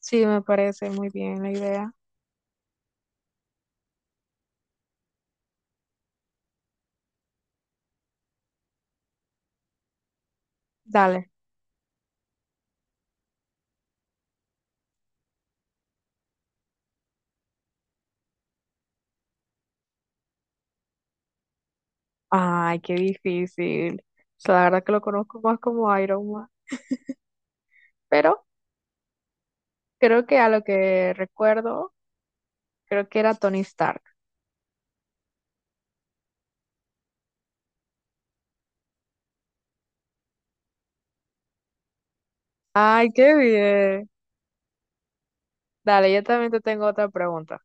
Sí, me parece muy bien la idea. Dale. Ay, qué difícil. O sea, la verdad que lo conozco más como Iron Man. Pero creo que a lo que recuerdo, creo que era Tony Stark. Ay, qué bien. Dale, yo también te tengo otra pregunta.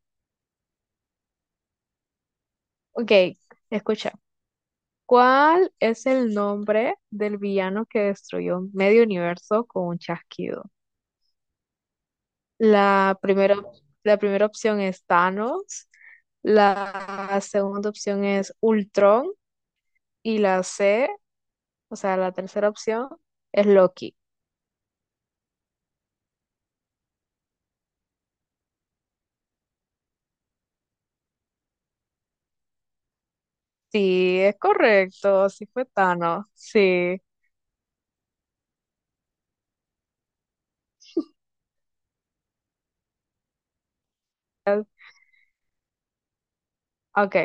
Ok, escucha. ¿Cuál es el nombre del villano que destruyó medio universo con un chasquido? La primera, la primera opción es Thanos. La segunda opción es Ultron. Y la C, o sea, la tercera opción es Loki. Sí, es correcto, sí fue Thanos, sí. Ok.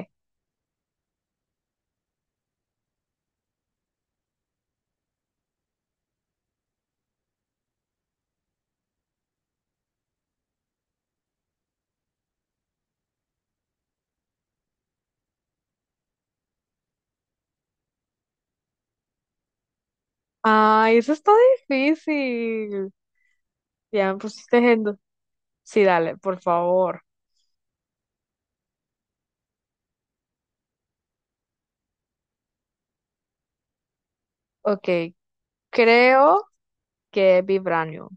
Ay, eso está difícil. Ya me pusiste en... Sí, dale, por favor. Ok, creo que es Vibranium.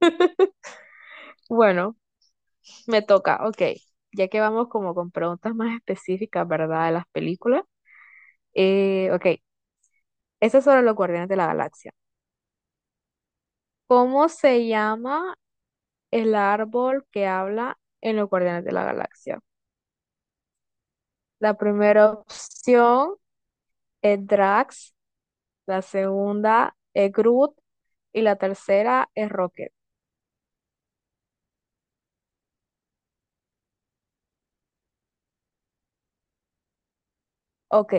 Bueno, me toca, ok. Ya que vamos como con preguntas más específicas, ¿verdad? De las películas. Ok, esta es sobre los Guardianes de la Galaxia. ¿Cómo se llama el árbol que habla en los Guardianes de la Galaxia? La primera opción es Drax, la segunda es Groot y la tercera es Rocket. Ok,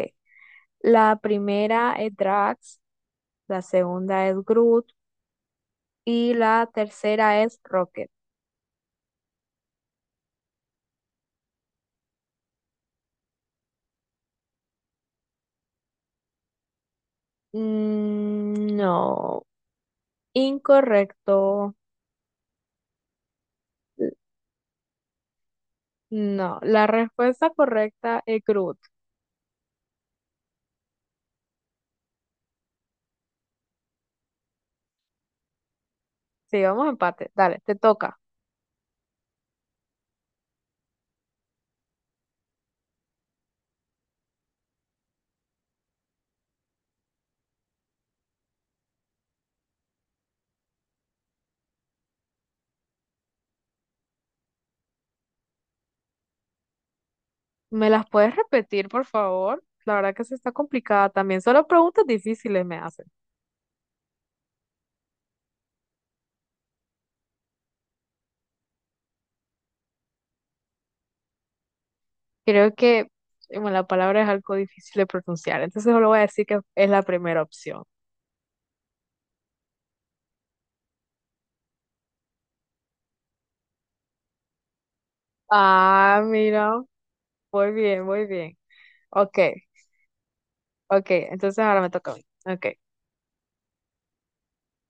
la primera es Drax, la segunda es Groot y la tercera es Rocket. Mm, no, incorrecto. L- No, la respuesta correcta es Groot. Sí, vamos a empate. Dale, te toca. ¿Me las puedes repetir, por favor? La verdad que se está complicada también. Solo preguntas difíciles me hacen. Creo que bueno, la palabra es algo difícil de pronunciar, entonces solo voy a decir que es la primera opción. Ah, mira, muy bien, muy bien. Ok, ok, entonces ahora me toca a mí. Ok.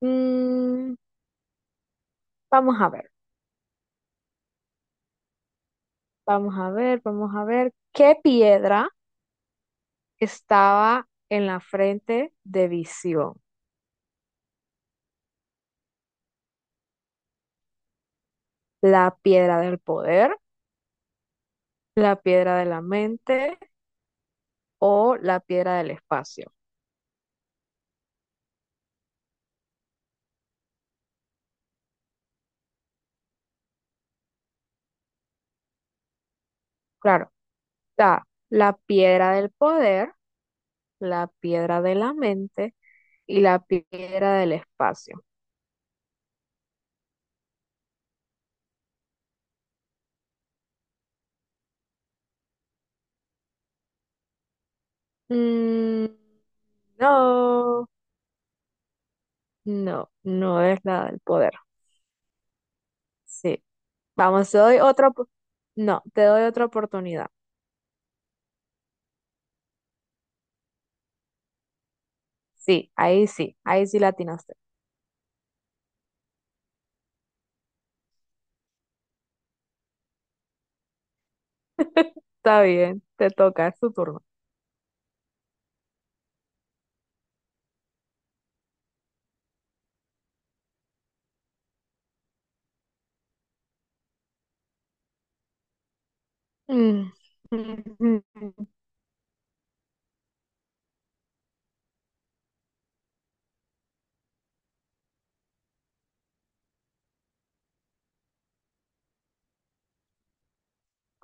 Mm, vamos a ver, vamos a ver, vamos a ver. ¿Qué piedra estaba en la frente de Visión? ¿La piedra del poder? ¿La piedra de la mente? O la piedra del espacio. Claro, está la piedra del poder, la piedra de la mente y la piedra del espacio. Mm, no, no es la del poder. Sí. Vamos, te doy otra, no, te doy otra oportunidad. Sí, ahí sí, ahí sí la atinaste. Está bien, te toca, es tu turno. Mm, mm, mm.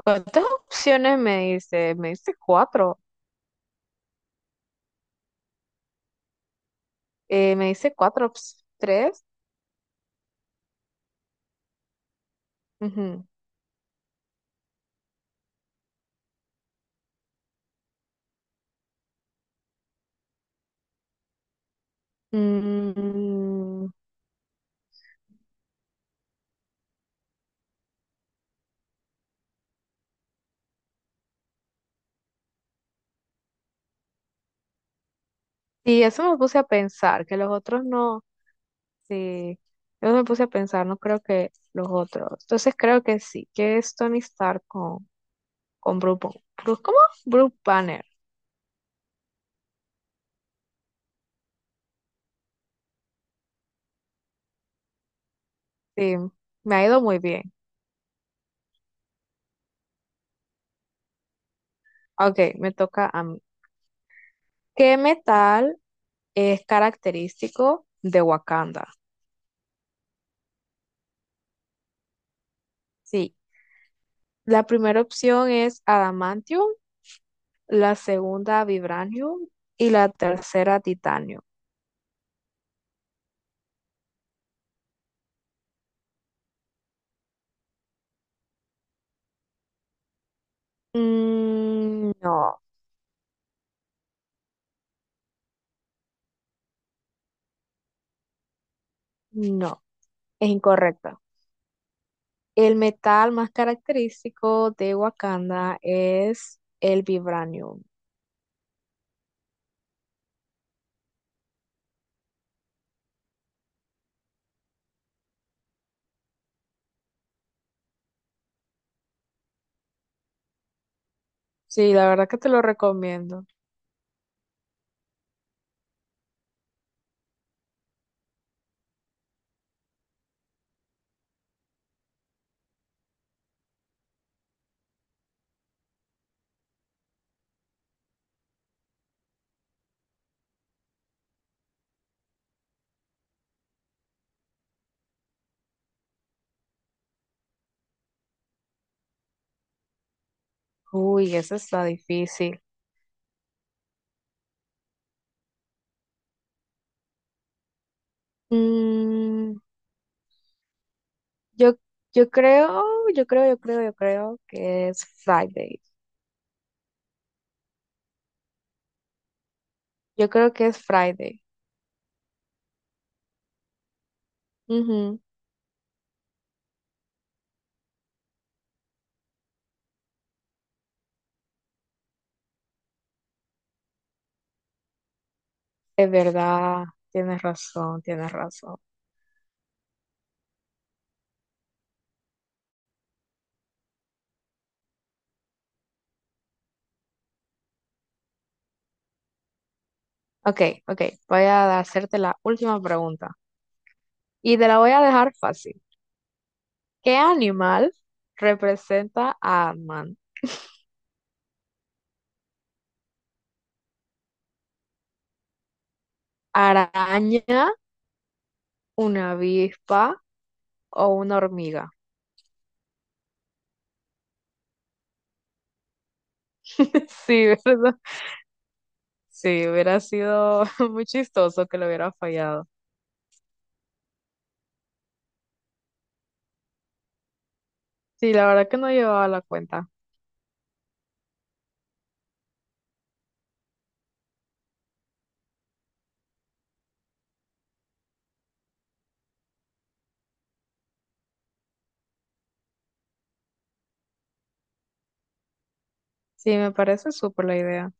¿Cuántas opciones me dice? Me dice cuatro. Me dice cuatro, tres. Ujú. Mm, y eso me puse a pensar, que los otros no. Sí, yo me puse a pensar, no creo que los otros. Entonces creo que sí, que es Tony Stark con Bruce, ¿cómo? Bruce Banner. Sí, me ha ido muy bien. Ok, me toca a mí. ¿Qué metal es característico de Wakanda? Sí, la primera opción es adamantium. La segunda vibranio y la tercera titanio. Mm, no, no, es incorrecto. El metal más característico de Wakanda es el vibranium. Sí, la verdad que te lo recomiendo. Uy, eso está difícil. Mm, yo, yo creo, yo creo que es Friday. Yo creo que es Friday. Ujú, es verdad, tienes razón, tienes razón. Ok, ok. Voy a hacerte la última pregunta. Y te la voy a dejar fácil. ¿Qué animal representa a Ant-Man? ¿Araña, una avispa o una hormiga? Sí, ¿verdad? Sí, hubiera sido muy chistoso que lo hubiera fallado. Sí, la verdad que no llevaba la cuenta. Sí, me parece súper la idea.